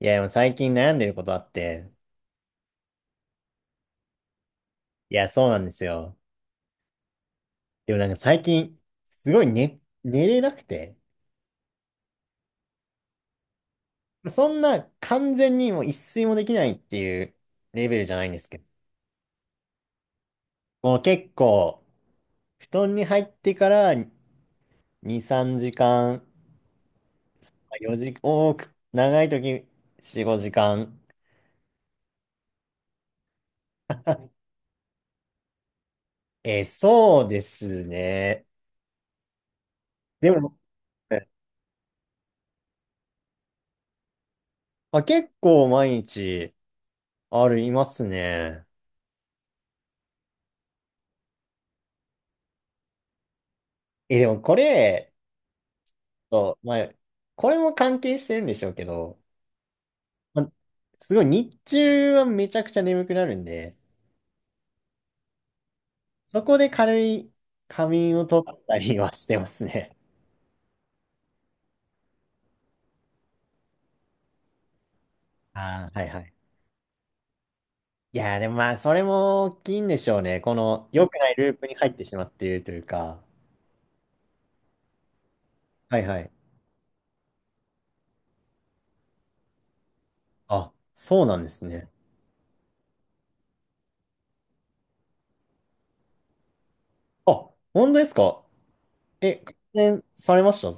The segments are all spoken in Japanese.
いや、でも最近悩んでることあって、いや、そうなんですよ。でもなんか最近、すごい寝れなくて、そんな完全にもう一睡もできないっていうレベルじゃないんですけど、もう結構、布団に入ってから2、3時間、4時、多く、長い時4、5時間。そうですね。でも、えまあ、結構毎日ありますね。え、でもこれ、そう、まあ、これも関係してるんでしょうけど、まあ、すごい日中はめちゃくちゃ眠くなるんで、そこで軽い仮眠を取ったりはしてますね。ああ、はいはい。いやー、でもまあ、それも大きいんでしょうね。この良くないループに入ってしまっているというか。はいはい。あ、そうなんですね。あ、本当ですか？え、改善されました？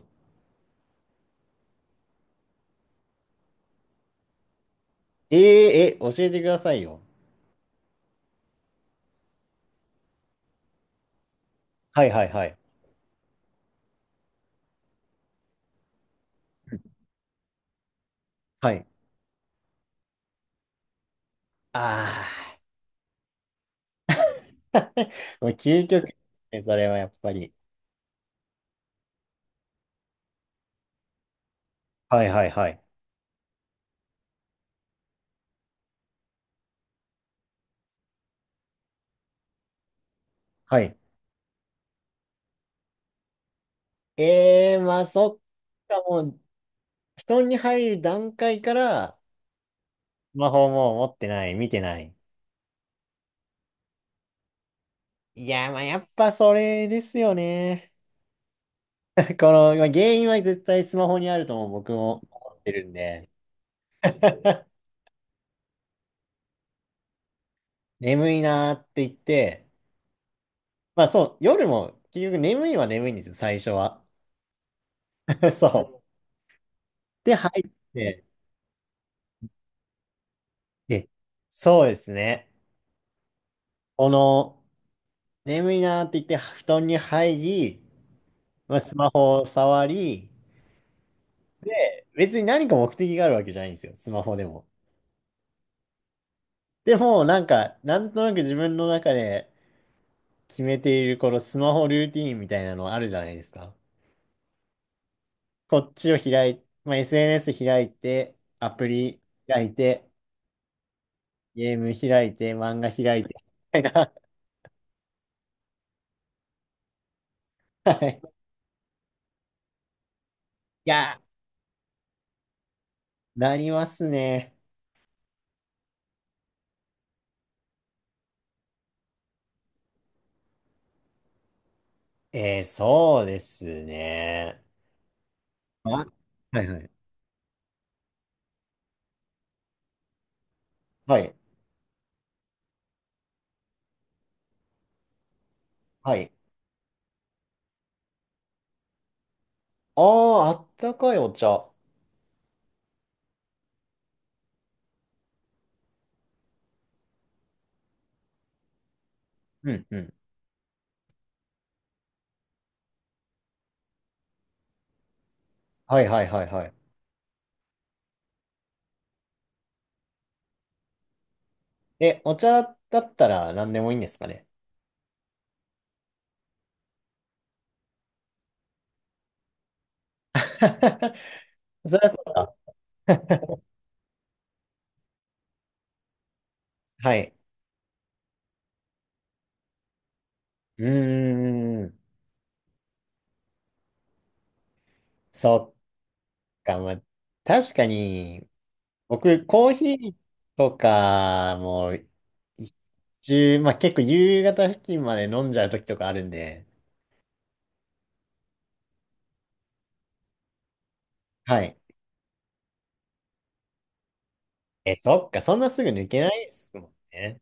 えーえ、教えてくださいよ。はいはいはい。はい。ああ。もう究極ですね、それはやっぱり。はいはいはい。はい。ええーまあそっか、もう、布団に入る段階から、スマホもう持ってない、見てない。いやー、まあやっぱそれですよね。この、まあ原因は絶対スマホにあるとも僕も思ってるんで。眠いなーって言って、まあそう、夜も結局眠いは眠いんですよ、最初は。そう。で、入って、で、そうですね。この、眠いなーって言って布団に入り、まあ、スマホを触り、別に何か目的があるわけじゃないんですよ、スマホでも。でも、なんか、なんとなく自分の中で決めているこのスマホルーティーンみたいなのあるじゃないですか。こっちを開い、まあ、SNS 開いて、アプリ開いて、ゲーム開いて、漫画開いて、みたいな。はい。いや、なりますね。そうですね。あ、はいはい。はい。はい。ああ、あったかいお茶。うんうん。はいはいはいはい。え、お茶だったら何でもいいんですかね？そりゃそうか。はい。うーん。そっか。まあ、確かに、僕、コーヒーとかも、一中、まあ結構夕方付近まで飲んじゃう時とかあるんで。はい。え、そっか。そんなすぐ抜けないですもんね。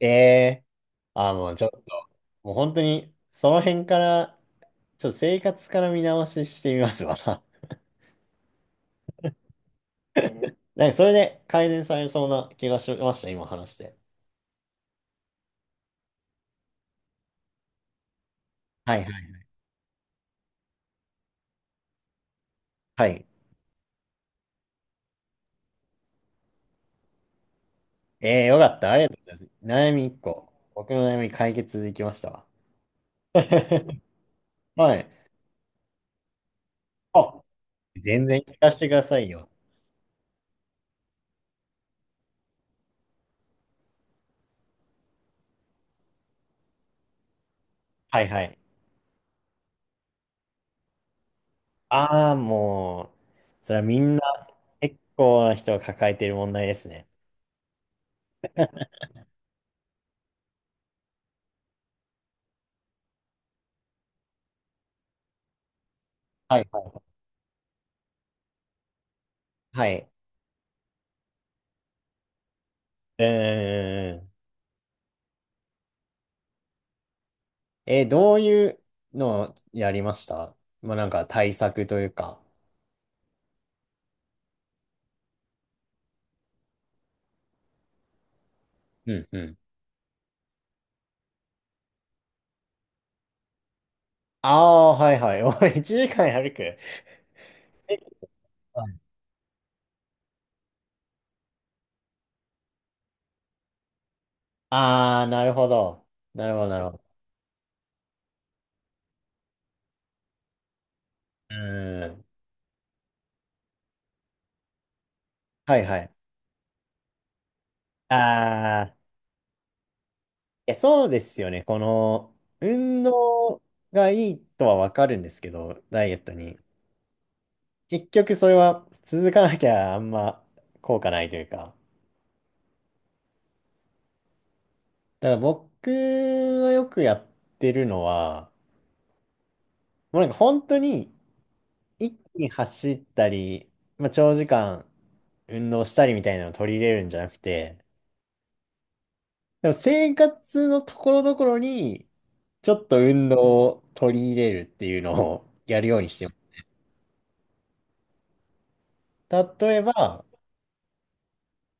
えー。あー、もうちょっと、もう本当に、その辺から、ちょっと生活から見直ししてみますわな。なんかそれで改善されそうな気がしました、今話して。はいはい。はい。ええよかった。ありがとうございます。悩み1個。僕の悩み解決できましたわ。はい。あ、全然聞かせてくださいよ。はいはい。ああ、もう、それはみんな結構な人が抱えている問題ですね。はいはいはい。はい。うーん。どういうのをやりました？まあなんか対策というか。うんうん。ああー、はいはい。おい、1時間歩く。ああ、なるほど。なるほど、なるほど。うーん。はいはい。ああ、いや、そうですよね。この、運動がいいとはわかるんですけど、ダイエットに。結局それは続かなきゃあんま効果ないというか。だから僕がよくやってるのは、もうなんか本当に一気に走ったり、まあ、長時間運動したりみたいなのを取り入れるんじゃなくて、でも生活のところどころに、ちょっと運動を取り入れるっていうのを やるようにしてます。例えば、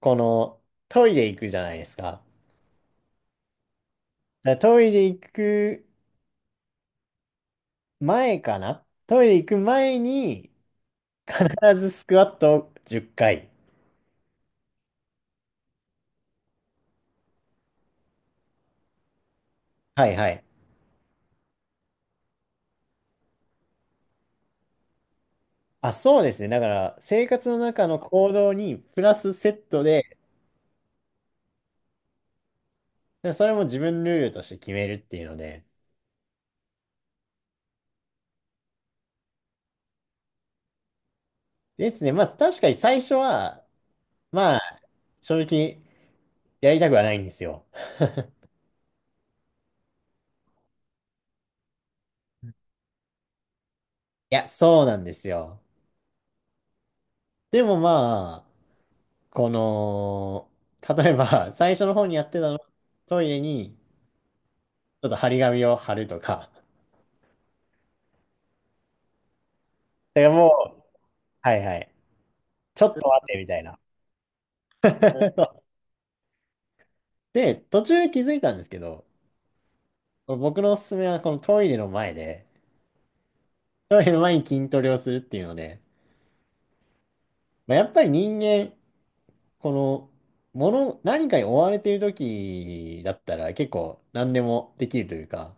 このトイレ行くじゃないですか。だからトイレ行く前に、必ずスクワットを10回。はいはい。あ、そうですね。だから、生活の中の行動にプラスセットで、だからそれも自分ルールとして決めるっていうので。ですね。まあ、確かに最初は、まあ、正直、やりたくはないんですよ。いや、そうなんですよ。でもまあ、この、例えば、最初の方にやってたのは、トイレに、ちょっと張り紙を貼るとか。でもう、はいはい。ちょっと待って、みたいな。で、途中で気づいたんですけど、僕のおすすめは、このトイレの前で、トイレの前に筋トレをするっていうので、まあ、やっぱり人間、この、何かに追われている時だったら、結構何でもできるというか、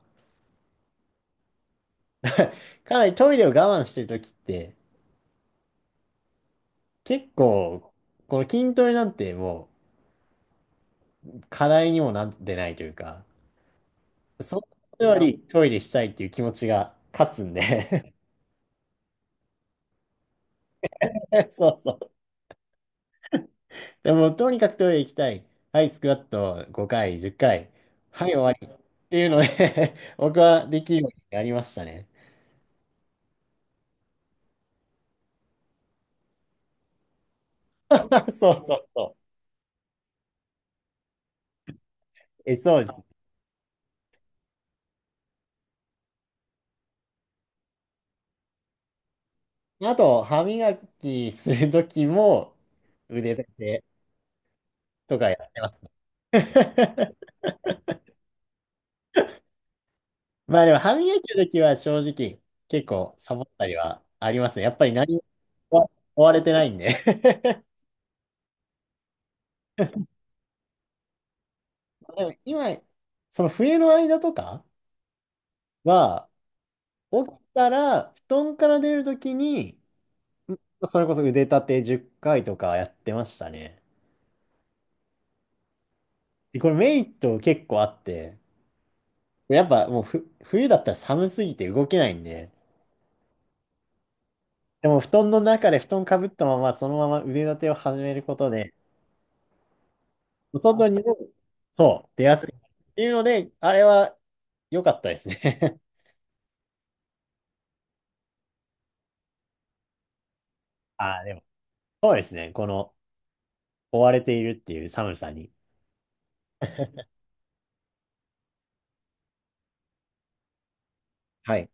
かなりトイレを我慢してる時って、結構、この筋トレなんてもう課題にもなってないというか、そのことよりトイレしたいっていう気持ちが勝つんで。 そうそう。でも、とにかくトイレ行きたい。はい、スクワット5回、10回。はい、終わり。っていうので 僕はできるようになりましたね。そうそうそう。え、そうです。あと、歯磨きするときも腕立てとかやってますね。 まあでも歯磨きの時は正直結構サボったりはありますね。やっぱり何も追追われてないんで。 でも今、その冬の間とかは、起きたら布団から出る時に、それこそ腕立て10回とかやってましたね。で、これメリット結構あって、やっぱもう冬だったら寒すぎて動けないんで、でも布団の中で布団かぶったままそのまま腕立てを始めることで、そうすそう、出やすい。っていうので、あれは良かったですね。ああ、でも、そうですね。この、追われているっていう寒さに。はい。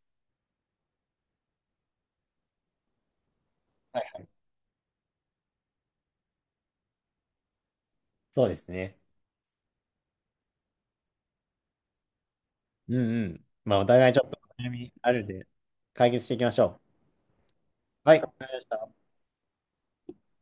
はいはいそうですね。うんうん。まあ、お互いちょっと悩みあるんで、解決していきましょう。はい。わかりました。